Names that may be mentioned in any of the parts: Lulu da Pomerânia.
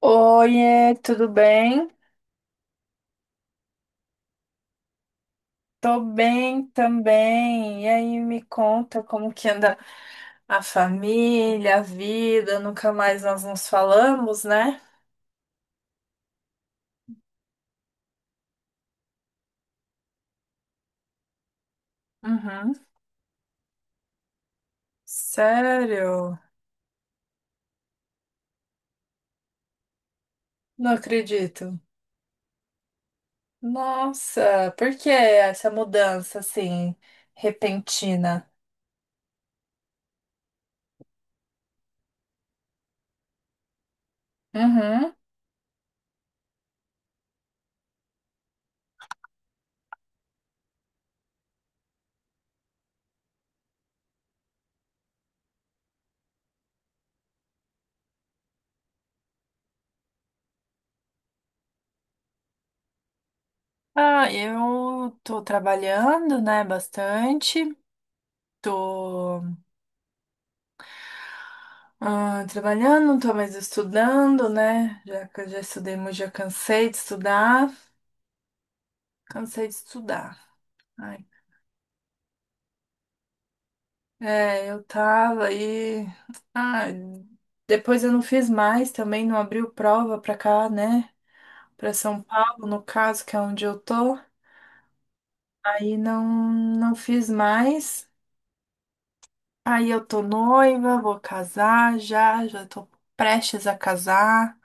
Oiê, tudo bem? Tô bem também. E aí, me conta como que anda a família, a vida? Nunca mais nós nos falamos, né? Uhum. Sério? Não acredito. Nossa, por que essa mudança assim repentina? Uhum. Ah, eu tô trabalhando, né, bastante. Tô Trabalhando, não tô mais estudando, né? Já, que eu já estudei muito, já cansei de estudar. Cansei de estudar. Ai. É, eu tava aí. Ah, depois eu não fiz mais também, não abriu prova pra cá, né? Pra São Paulo, no caso, que é onde eu tô. Aí não, não fiz mais. Aí eu tô noiva, vou casar já, já tô prestes a casar.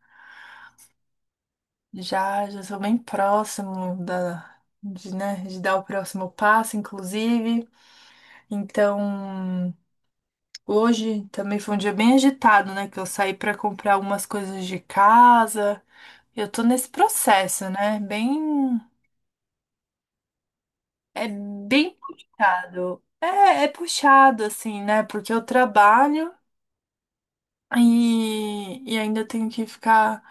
Já, já sou bem próximo da, de, né, de dar o próximo passo, inclusive. Então, hoje também foi um dia bem agitado, né? Que eu saí para comprar algumas coisas de casa. Eu tô nesse processo, né? Bem, é bem puxado. É, é puxado, assim, né? Porque eu trabalho e ainda tenho que ficar,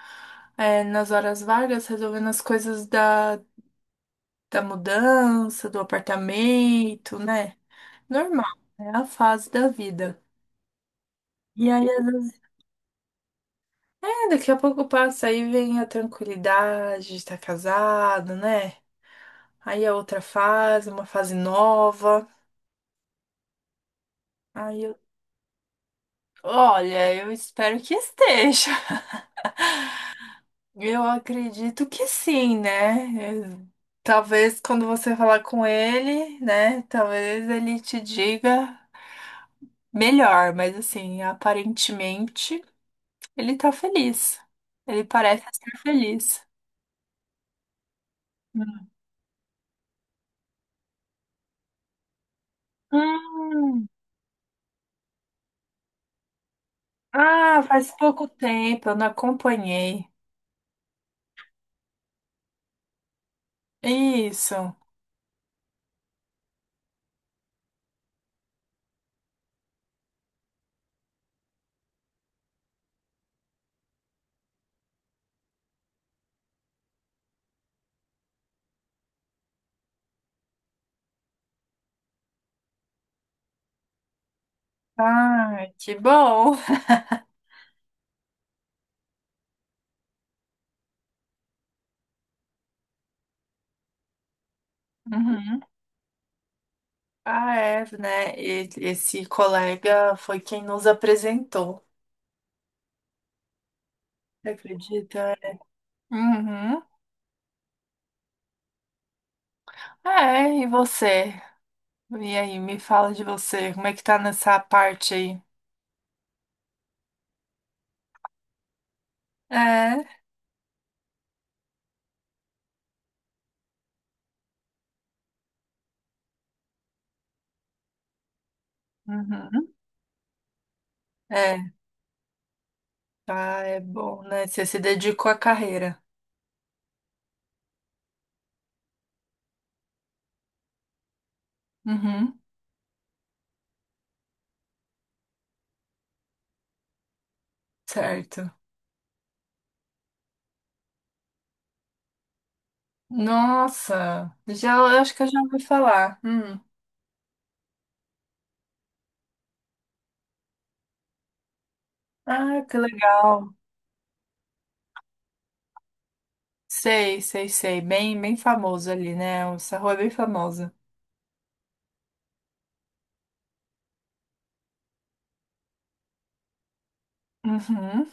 é, nas horas vagas resolvendo as coisas da mudança, do apartamento, né? Normal, é a fase da vida. E aí, às vezes, é, daqui a pouco passa, aí vem a tranquilidade de estar casado, né? Aí a outra fase, uma fase nova. Aí eu, olha, eu espero que esteja. Eu acredito que sim, né? Eu- Talvez quando você falar com ele, né? Talvez ele te diga melhor, mas assim, aparentemente. Ele tá feliz. Ele parece estar feliz. Hum. Ah, faz pouco tempo, eu não acompanhei. Isso. Ah, que bom. Uhum. Ah, é, né? E- Esse colega foi quem nos apresentou. Você acredita? Uhum. É, e você? E aí, me fala de você. Como é que tá nessa parte aí? É. Uhum. É. Ah, é bom, né? Você se dedicou à carreira. Uhum. Certo. Nossa, já, eu acho que eu já ouvi falar. Hum. Ah, que legal. Sei, sei, sei. Bem, bem famoso ali, né? Essa rua é bem famosa. Uhum.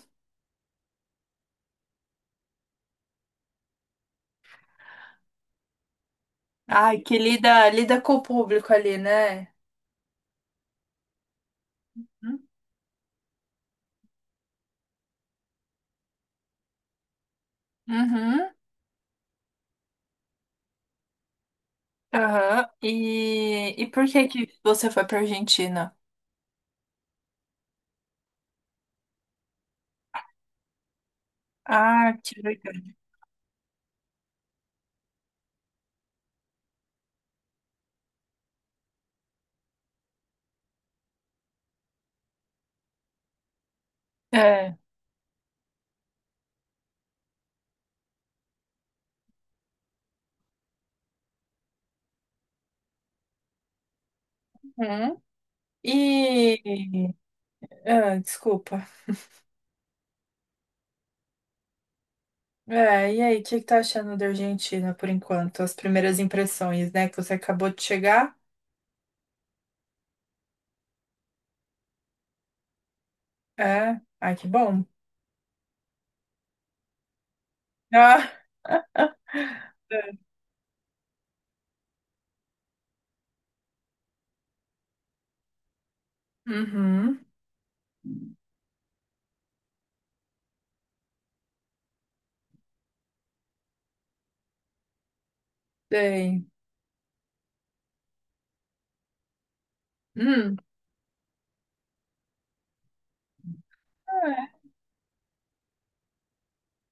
Ai, que lida, lida com o público ali, né? Uhum. Uhum. Aham. E por que que você foi pra Argentina? Ah, que legal. É. Uhum. E... Ah, desculpa. É, e aí, o que que tá achando da Argentina por enquanto? As primeiras impressões, né? Que você acabou de chegar? É. Ai, que bom. Ah, uhum. Sei. Hum.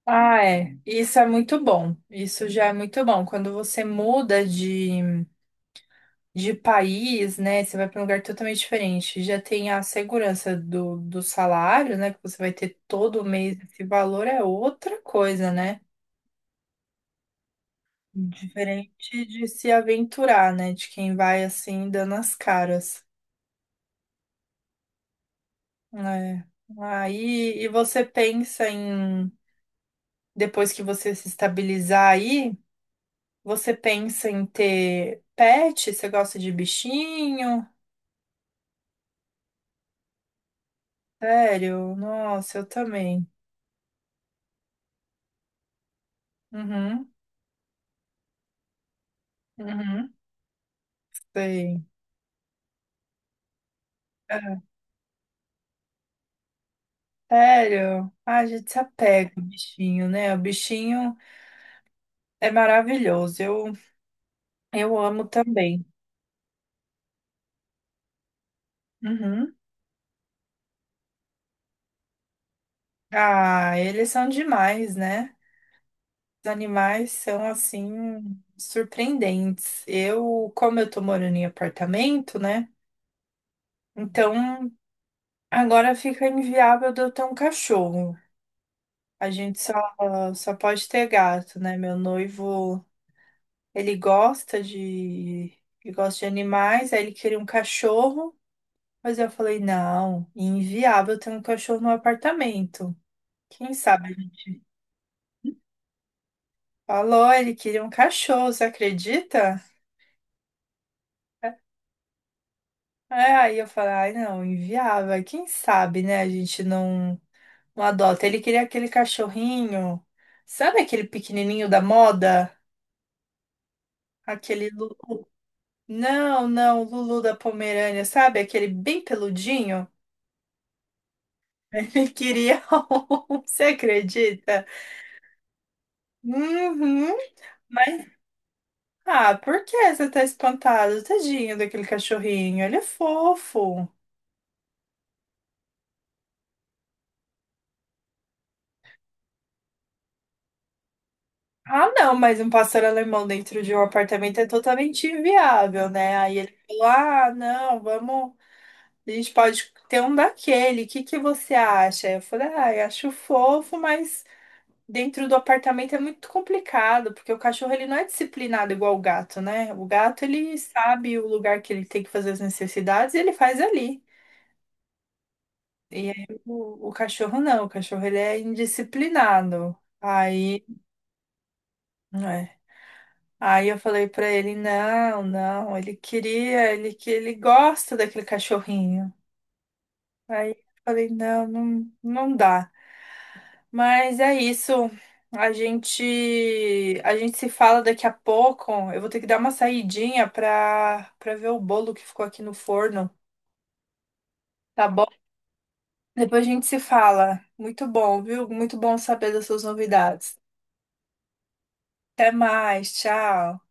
Ah, é. Isso é muito bom. Isso já é muito bom. Quando você muda de país, né? Você vai para um lugar totalmente diferente. Já tem a segurança do, do salário, né? Que você vai ter todo mês. Esse valor é outra coisa, né? Diferente de se aventurar, né? De quem vai assim dando as caras. É. Aí, e você pensa em, depois que você se estabilizar aí, você pensa em ter pet? Você gosta de bichinho? Sério? Nossa, eu também. Uhum, uhum, sei. É, Sério? Ah, a gente se apega ao bichinho, né? O bichinho é maravilhoso. Eu amo também. Uhum. Ah, eles são demais, né? Os animais são assim surpreendentes. Eu, como eu tô morando em apartamento, né? Então agora fica inviável de eu ter um cachorro. A gente só pode ter gato, né? Meu noivo, ele gosta de ele gosta de animais, aí ele queria um cachorro, mas eu falei, não, inviável ter um cachorro no apartamento. Quem sabe a gente falou, ele queria um cachorro, você acredita? É, aí eu falei, ai não, inviável. Aí Quem sabe, né? A gente não, não adota. Ele queria aquele cachorrinho, sabe aquele pequenininho da moda? Aquele. Lu- Não, não, Lulu da Pomerânia, sabe? Aquele bem peludinho. Ele queria um, você acredita? Uhum. Mas, ah, por que você tá espantado? Tadinho daquele cachorrinho, ele é fofo. Ah, não, mas um pastor alemão dentro de um apartamento é totalmente inviável, né? Aí ele falou: Ah, não, vamos. A gente pode ter um daquele, o que que você acha? Eu falei: Ah, eu acho fofo, mas dentro do apartamento é muito complicado, porque o cachorro ele não é disciplinado igual o gato, né? O gato ele sabe o lugar que ele tem que fazer as necessidades e ele faz ali. E aí o cachorro não, o cachorro ele é indisciplinado. Aí. É. Aí eu falei pra ele, não, não, ele queria, ele que ele gosta daquele cachorrinho. Aí eu falei, não, não, não dá. Mas é isso. A gente se fala daqui a pouco. Eu vou ter que dar uma saidinha pra para ver o bolo que ficou aqui no forno, tá bom? Depois a gente se fala. Muito bom, viu? Muito bom saber das suas novidades. Até mais, tchau.